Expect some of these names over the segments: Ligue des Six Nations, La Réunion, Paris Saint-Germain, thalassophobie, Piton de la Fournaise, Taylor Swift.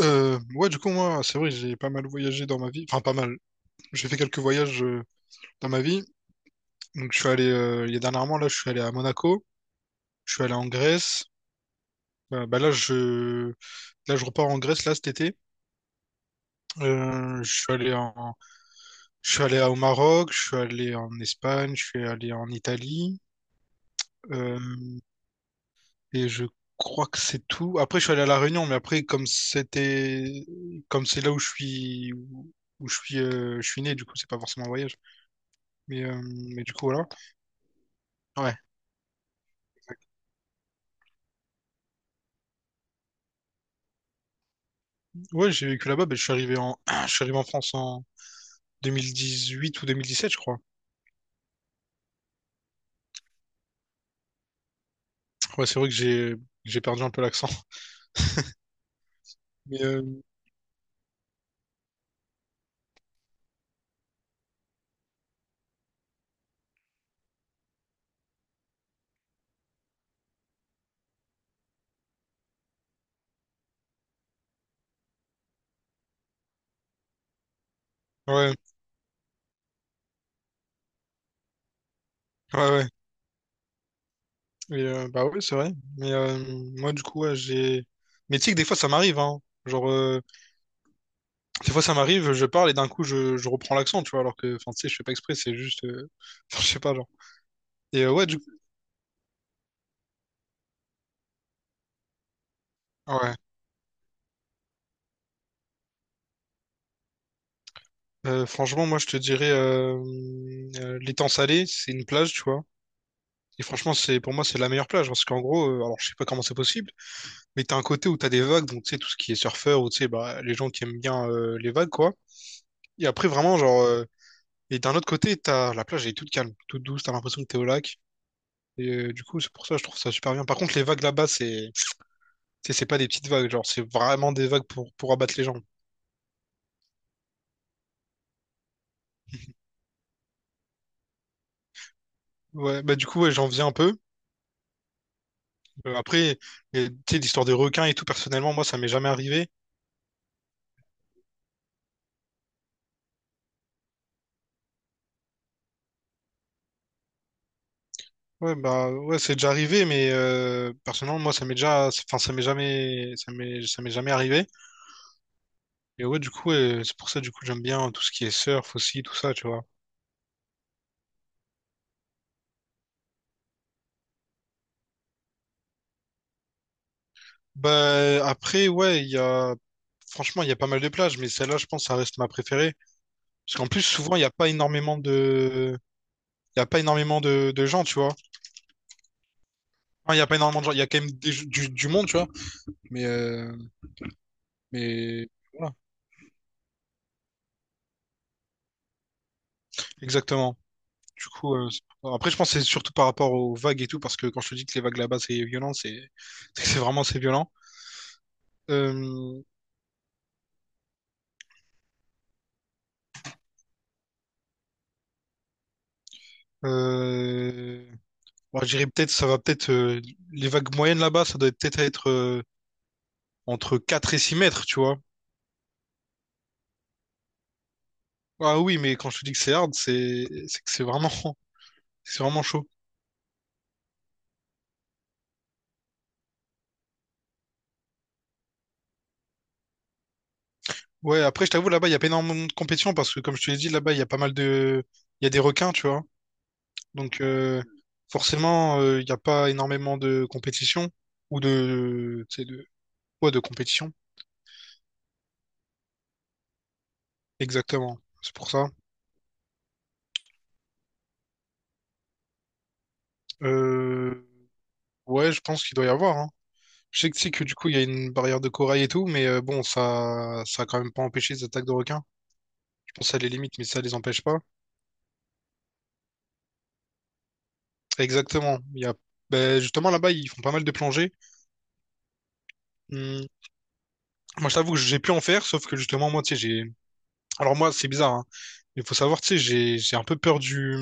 Ouais, du coup, moi, c'est vrai, j'ai pas mal voyagé dans ma vie. Enfin, pas mal. J'ai fait quelques voyages dans ma vie. Donc, je suis allé, il y a dernièrement, là, je suis allé à Monaco. Je suis allé en Grèce. Bah, là, là, je repars en Grèce, là, cet été. Euh, je suis allé en, je suis allé au Maroc. Je suis allé en Espagne. Je suis allé en Italie. Euh, et je crois que c'est tout. Après, je suis allé à La Réunion, mais après, comme c'est là où je suis né, du coup, c'est pas forcément un voyage. Mais, euh, mais du coup, voilà. Ouais. Ouais, j'ai vécu là-bas, ben, je suis arrivé en... je suis arrivé en France en 2018 ou 2017, je crois. Ouais, c'est vrai que j'ai perdu un peu l'accent. Mais ouais, ouais, ouais. Et, bah ouais, c'est vrai. Mais moi, du coup, ouais, j'ai. Mais tu sais que des fois, ça m'arrive, hein. Genre, des fois, ça m'arrive, je parle et d'un coup, je reprends l'accent, tu vois, alors que, enfin, tu sais, je fais pas exprès, enfin, je sais pas, genre. Et ouais, du coup. Ouais. Franchement, moi, je te dirais, l'Étang salé, c'est une plage, tu vois. Et franchement, c'est pour moi, c'est la meilleure plage parce qu'en gros, alors je sais pas comment c'est possible, mais t'as un côté où t'as des vagues, donc tu sais, tout ce qui est surfeur ou tu sais, bah, les gens qui aiment bien les vagues, quoi. Et après, vraiment, et d'un autre côté, t'as la plage, elle est toute calme, toute douce, t'as l'impression que t'es au lac. Et du coup, c'est pour ça, je trouve ça super bien. Par contre, les vagues là-bas, c'est pas des petites vagues, genre, c'est vraiment des vagues pour abattre les gens. Ouais, bah du coup, ouais, j'en viens un peu. Après, et, tu sais, l'histoire des requins et tout, personnellement, moi, ça m'est jamais arrivé. Ouais, bah, ouais, c'est déjà arrivé, mais personnellement, moi, ça m'est déjà, enfin, ça m'est jamais, ça m'est jamais arrivé. Et ouais, du coup, c'est pour ça, du coup, j'aime bien tout ce qui est surf aussi, tout ça, tu vois. Bah, après, ouais, il y a, franchement, il y a pas mal de plages, mais celle-là, je pense, ça reste ma préférée. Parce qu'en plus, souvent, il n'y a pas énormément de, il y a pas énormément de gens, tu vois. Enfin, il y a pas énormément de gens, il y a quand même du monde, tu vois. Mais, euh, mais, voilà, exactement. Du coup, après, je pense que c'est surtout par rapport aux vagues et tout, parce que quand je te dis que les vagues là-bas, c'est violent, c'est c'est vraiment c'est violent. Euh, euh, bon, je dirais peut-être, ça va peut-être, les vagues moyennes là-bas, ça doit peut-être être, entre 4 et 6 mètres, tu vois. Ah oui, mais quand je te dis que c'est hard, c'est que c'est vraiment, c'est vraiment chaud. Ouais, après, je t'avoue, là-bas, il y a pas énormément de compétition, parce que comme je te l'ai dit, là-bas, il y a pas mal de, il y a des requins, tu vois. Donc, forcément, il n'y a pas énormément de compétition ou de, tu sais, de, ouais, de compétition. Exactement. C'est pour ça. Euh, ouais, je pense qu'il doit y avoir, hein. Je sais que, tu sais que du coup, il y a une barrière de corail et tout, mais bon, ça a quand même pas empêché les attaques de requins. Je pense à les limites, mais ça les empêche pas. Exactement. Il y a, ben, justement, là-bas, ils font pas mal de plongées. Hum, Moi, je t'avoue que j'ai pu en faire, sauf que justement, moi, tu sais, j'ai. Alors, moi, c'est bizarre, hein, mais faut savoir, tu sais, j'ai un peu peur du.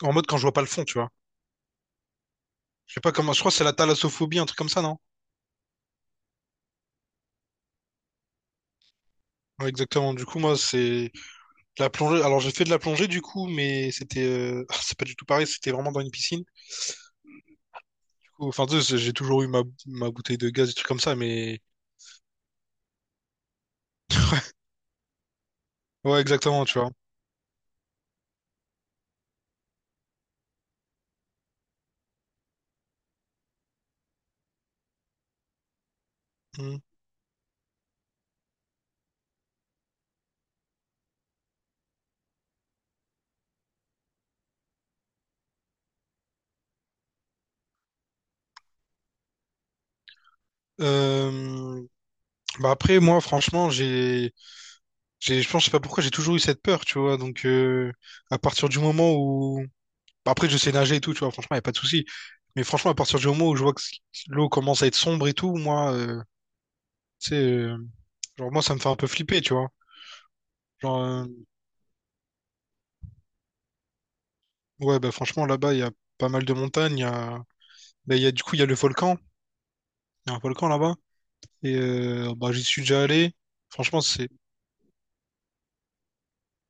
En mode quand je vois pas le fond, tu vois. Je sais pas comment, je crois que c'est la thalassophobie, un truc comme ça, non? Ouais, exactement. Du coup, moi, c'est la plongée. Alors, j'ai fait de la plongée, du coup, mais c'était, c'est pas du tout pareil. C'était vraiment dans une piscine. Du coup, enfin, tu sais, j'ai toujours eu ma bouteille de gaz, des trucs comme ça, mais ouais, exactement, tu vois. Mm. Euh, Bah après, moi, franchement, je pense, je sais pas pourquoi, j'ai toujours eu cette peur, tu vois. Donc, à partir du moment où, bah, après, je sais nager et tout, tu vois. Franchement, y a pas de souci. Mais franchement, à partir du moment où je vois que l'eau commence à être sombre et tout, moi, tu sais. Genre, moi, ça me fait un peu flipper, tu vois. Genre, ouais, bah, franchement, là-bas, il y a pas mal de montagnes. Il y a, bah, il y a, du coup, il y a le volcan. Il y a un volcan là-bas. Et bah, j'y suis déjà allé. Franchement, c'est.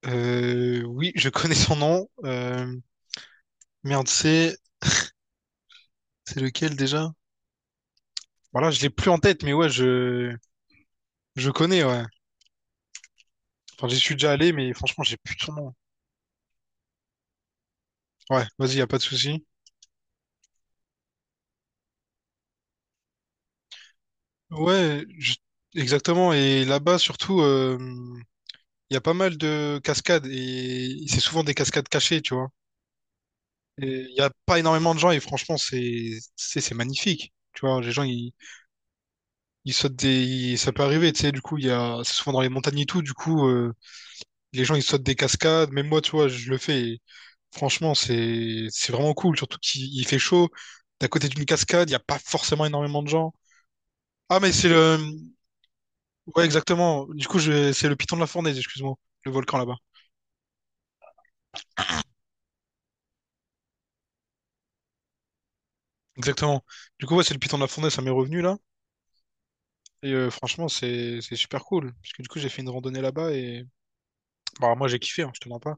Oui, je connais son nom. Merde, c'est. C'est lequel déjà? Voilà, je l'ai plus en tête, mais ouais, je. Je connais, ouais. Enfin, j'y suis déjà allé, mais franchement, j'ai plus son nom. Ouais, vas-y, y a pas de souci. Ouais, exactement. Et là-bas, surtout, il y a pas mal de cascades et c'est souvent des cascades cachées, tu vois. Il n'y a pas énormément de gens et franchement, c'est magnifique. Tu vois, les gens, ils sautent ça peut arriver, tu sais, du coup, il y a. C'est souvent dans les montagnes et tout, du coup, les gens, ils sautent des cascades. Même moi, tu vois, je le fais. Et franchement, c'est vraiment cool, surtout qu'il il fait chaud. D'à côté d'une cascade, il n'y a pas forcément énormément de gens. Ah, mais c'est le. Ouais, exactement. C'est le Piton de la Fournaise, excuse-moi. Le volcan là-bas. Exactement. Du coup, ouais, c'est le Piton de la Fournaise, ça m'est revenu là. Et franchement, c'est super cool. Parce que du coup, j'ai fait une randonnée là-bas et. Bah, moi, j'ai kiffé, hein, je te mens pas.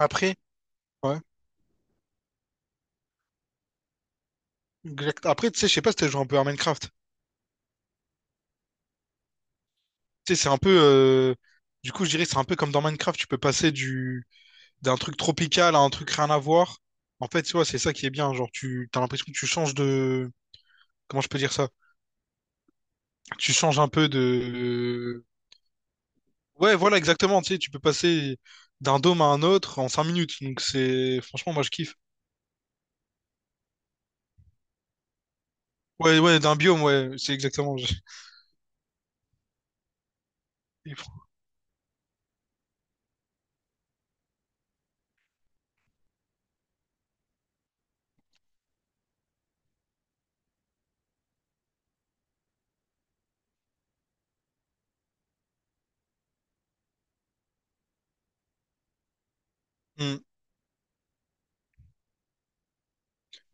Après, ouais. Après, tu sais, je sais pas si t'as joué un peu à Minecraft. Tu sais, c'est un peu. Du coup, je dirais que c'est un peu comme dans Minecraft, tu peux passer du d'un truc tropical à un truc rien à voir. En fait, tu vois, c'est ça qui est bien. Genre, tu t'as l'impression que tu changes de. Comment je peux dire ça? Tu changes un peu de. Ouais, voilà, exactement. Tu sais, tu peux passer d'un dôme à un autre en 5 minutes. Donc, c'est. Franchement, moi, je kiffe. Ouais, ouais, d'un biome, ouais, c'est exactement. Hmm.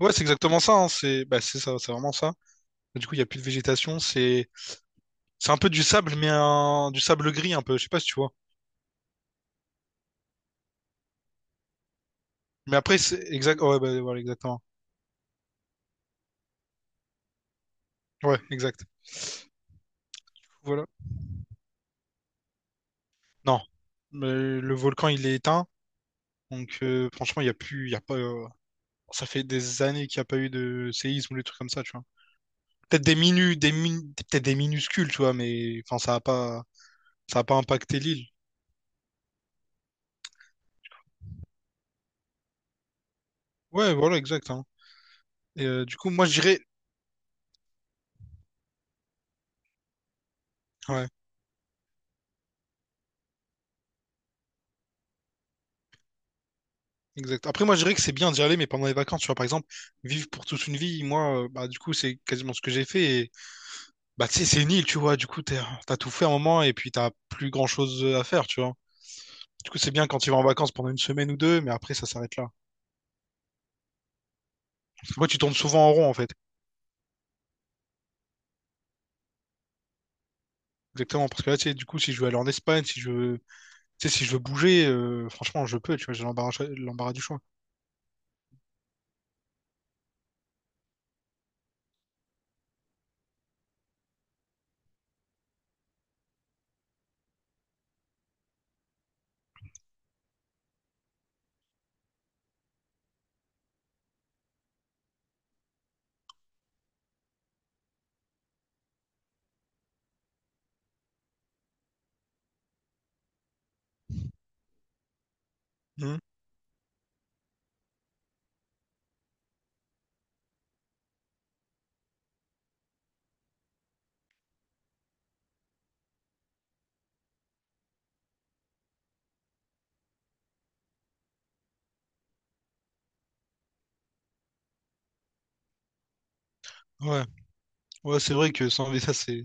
Ouais, c'est exactement ça, hein. C'est bah, c'est ça, c'est vraiment ça. Du coup, il y a plus de végétation, c'est un peu du sable, mais un. Du sable gris un peu, je sais pas si tu vois. Mais après, c'est exact. Ouais, bah, voilà, exactement. Ouais, exact. Voilà. Non. Mais le volcan il est éteint, donc franchement, il y a plus, il y a pas. Ça fait des années qu'il n'y a pas eu de séisme ou des trucs comme ça, tu vois. Peut-être des minu, des min- peut-être des minuscules, tu vois, mais enfin, ça a pas impacté l'île. Ouais, voilà, exact, hein. Et du coup, moi, je dirais. Ouais. Exact. Après, moi, je dirais que c'est bien d'y aller, mais pendant les vacances, tu vois, par exemple, vivre pour toute une vie, moi, bah, du coup, c'est quasiment ce que j'ai fait. Et, bah, tu sais, c'est une île, tu vois, du coup, t'as tout fait un moment et puis t'as plus grand-chose à faire, tu vois. Du coup, c'est bien quand tu vas en vacances pendant une semaine ou deux, mais après, ça s'arrête là. Parce que moi, tu tournes souvent en rond, en fait. Exactement, parce que là, tu sais, du coup, si je veux aller en Espagne, si je veux, tu sais, si je veux bouger, franchement, je peux, tu vois, j'ai l'embarras, l'embarras du choix. Mhm. Ouais, ouais, c'est vrai que sans ça, c'est,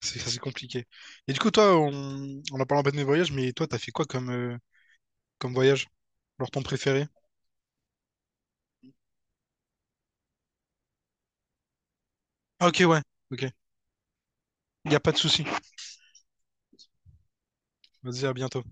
c'est, ça, c'est compliqué. Et du coup, toi, on a parlé un peu de mes voyages, mais toi, t'as fait quoi comme voyage? Genre ton préféré? Ah, ok, ouais, ok. Il n'y a pas de souci. Vas-y, à bientôt.